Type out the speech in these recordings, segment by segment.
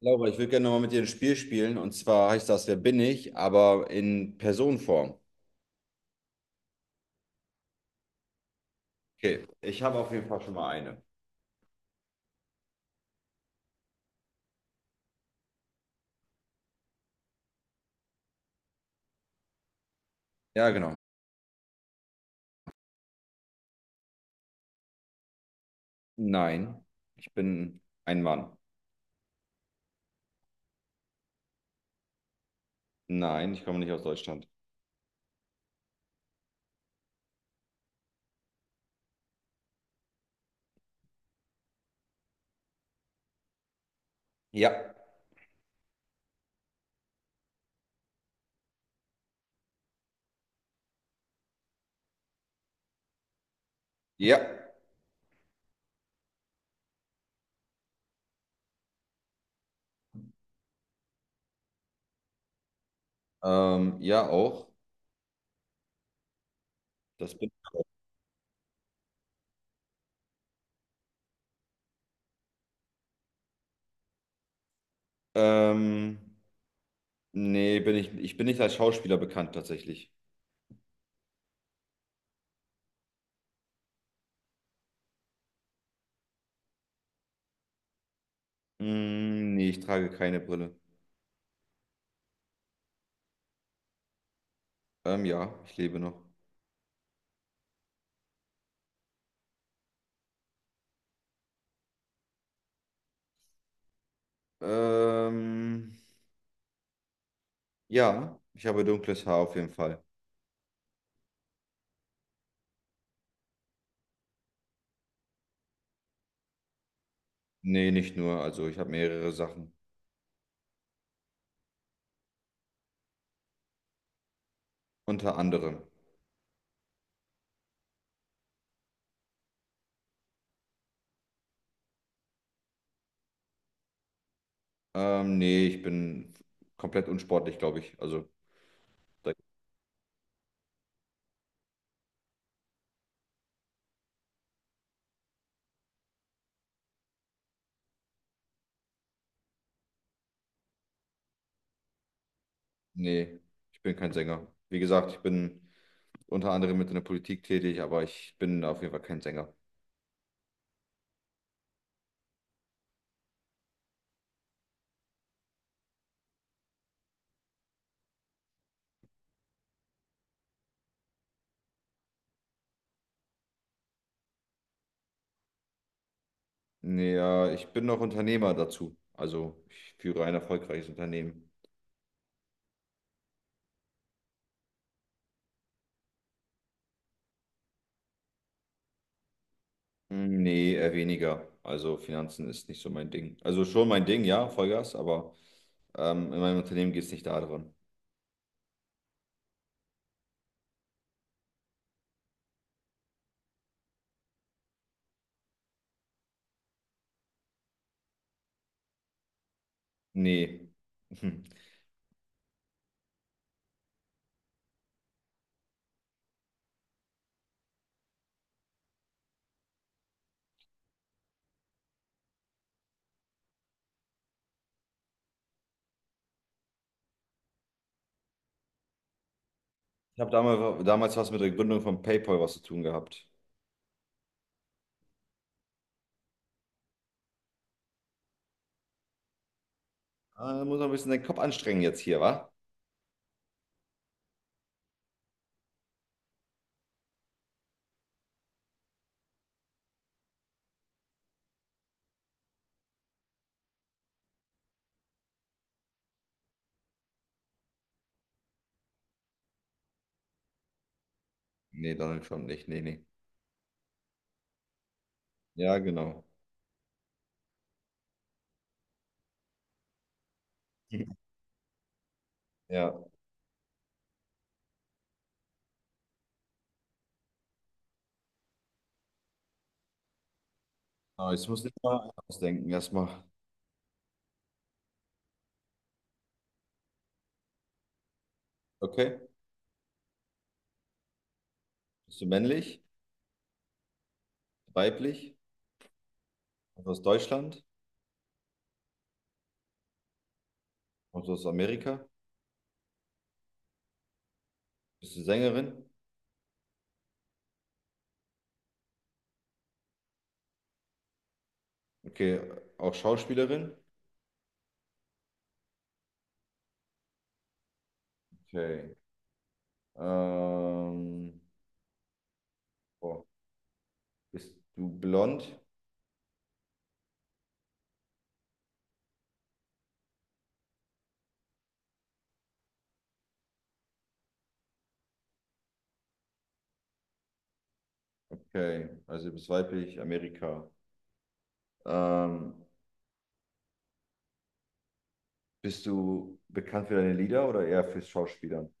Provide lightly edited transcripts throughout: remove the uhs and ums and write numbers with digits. Laura, ich würde gerne nochmal mit dir ein Spiel spielen, und zwar heißt das "Wer bin ich", aber in Personenform. Okay, ich habe auf jeden Fall schon mal eine. Ja, genau. Nein, ich bin ein Mann. Nein, ich komme nicht aus Deutschland. Ja, ja, ja auch. Das bin. Ähm, nee, bin ich. Ich bin nicht als Schauspieler bekannt tatsächlich. Mm, nee, ich trage keine Brille. Ja, ich lebe noch. Ähm, ja, ich habe dunkles Haar auf jeden Fall. Nee, nicht nur. Also ich habe mehrere Sachen. Unter anderem. Nee, ich bin komplett unsportlich, glaube ich. Also, da- nee, ich bin kein Sänger. Wie gesagt, ich bin unter anderem mit in der Politik tätig, aber ich bin auf jeden Fall kein Sänger. Nee, ja, ich bin noch Unternehmer dazu. Also, ich führe ein erfolgreiches Unternehmen. Hm, nee, eher weniger. Also, Finanzen ist nicht so mein Ding. Also, schon mein Ding, ja, Vollgas, aber in meinem Unternehmen geht es nicht darum. Nee. Ich habe damals was mit der Gründung von PayPal was zu tun gehabt. Ah, da muss man ein bisschen den Kopf anstrengen jetzt hier, wa? Nee, Donald Trump nicht. Nee, nee. Ja, genau. Ja. Aber jetzt muss ich mal ausdenken erstmal. Okay. Bist du männlich? Weiblich? Kommst du aus Deutschland? Kommst du aus Amerika? Bist du Sängerin? Okay. Auch Schauspielerin? Okay. Ähm, boah. Bist du blond? Okay. Also du bist weiblich, Amerika. Ähm, Bist du bekannt für deine Lieder oder eher fürs Schauspielern?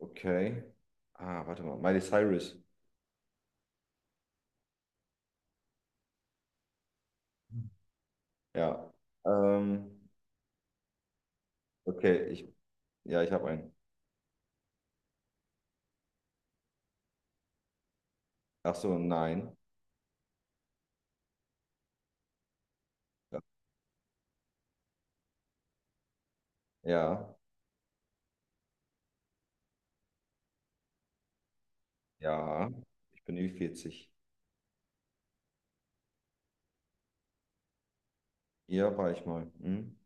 Okay. Ah, warte mal. Miley Cyrus. Ja. Ähm, okay, ja, ich habe einen. Ach so, nein. Ja, ja. Ich bin Ü40. Hier war ich mal. Hm?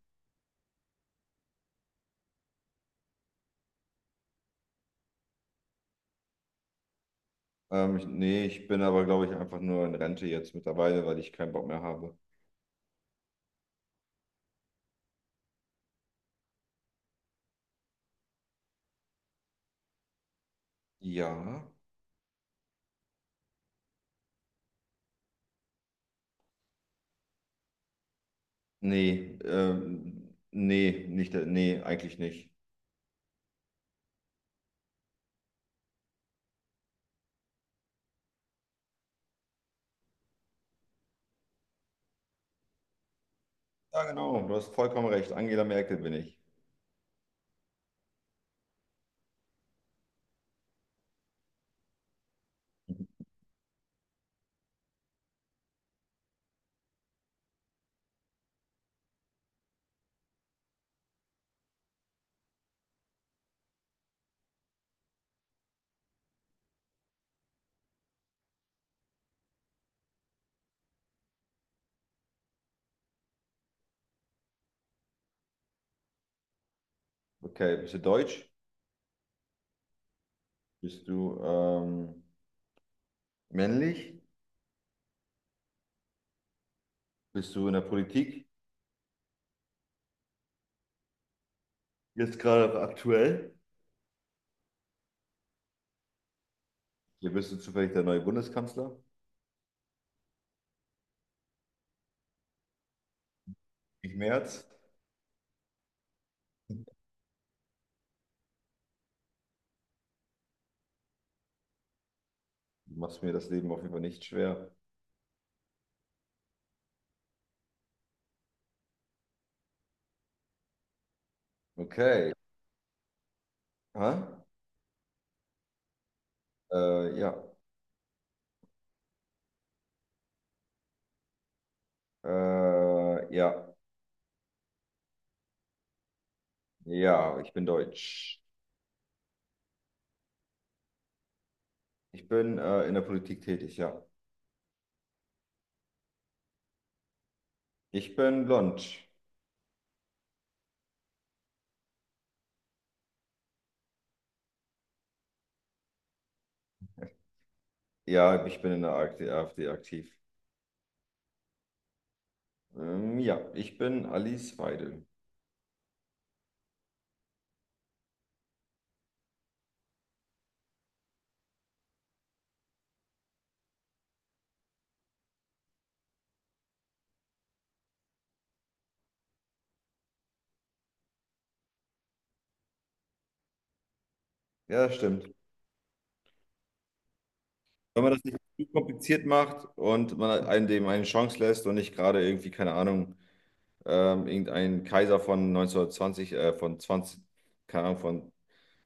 Nee, ich bin aber, glaube ich, einfach nur in Rente jetzt mittlerweile, weil ich keinen Bock mehr habe. Ja. Nee, nee, nicht, nee, eigentlich nicht. Ja, genau. Du hast vollkommen recht. Angela Merkel bin ich. Okay, bist du deutsch? Bist du männlich? Bist du in der Politik? Jetzt gerade aktuell? Hier bist du zufällig der neue Bundeskanzler? Ich Merz? Du machst mir das Leben auf jeden Fall nicht schwer. Okay. Hä? Ja. Ja. Ja, ich bin deutsch. Ich bin in der Politik tätig, ja. Ich bin blond. Ja, ich bin in der AfD aktiv. Ja, ich bin Alice Weidel. Ja, das stimmt. Wenn man das nicht zu kompliziert macht und man einem dem eine Chance lässt und nicht gerade irgendwie, keine Ahnung, irgendein Kaiser von 1920, keine Ahnung, von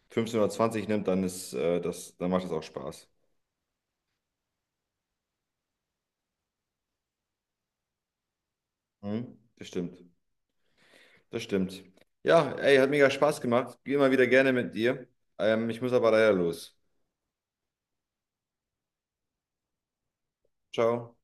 1520 nimmt, dann ist das, dann macht das auch Spaß. Mhm. Das stimmt. Das stimmt. Ja, ey, hat mega Spaß gemacht. Geh immer wieder gerne mit dir. Ich muss aber leider los. Ciao.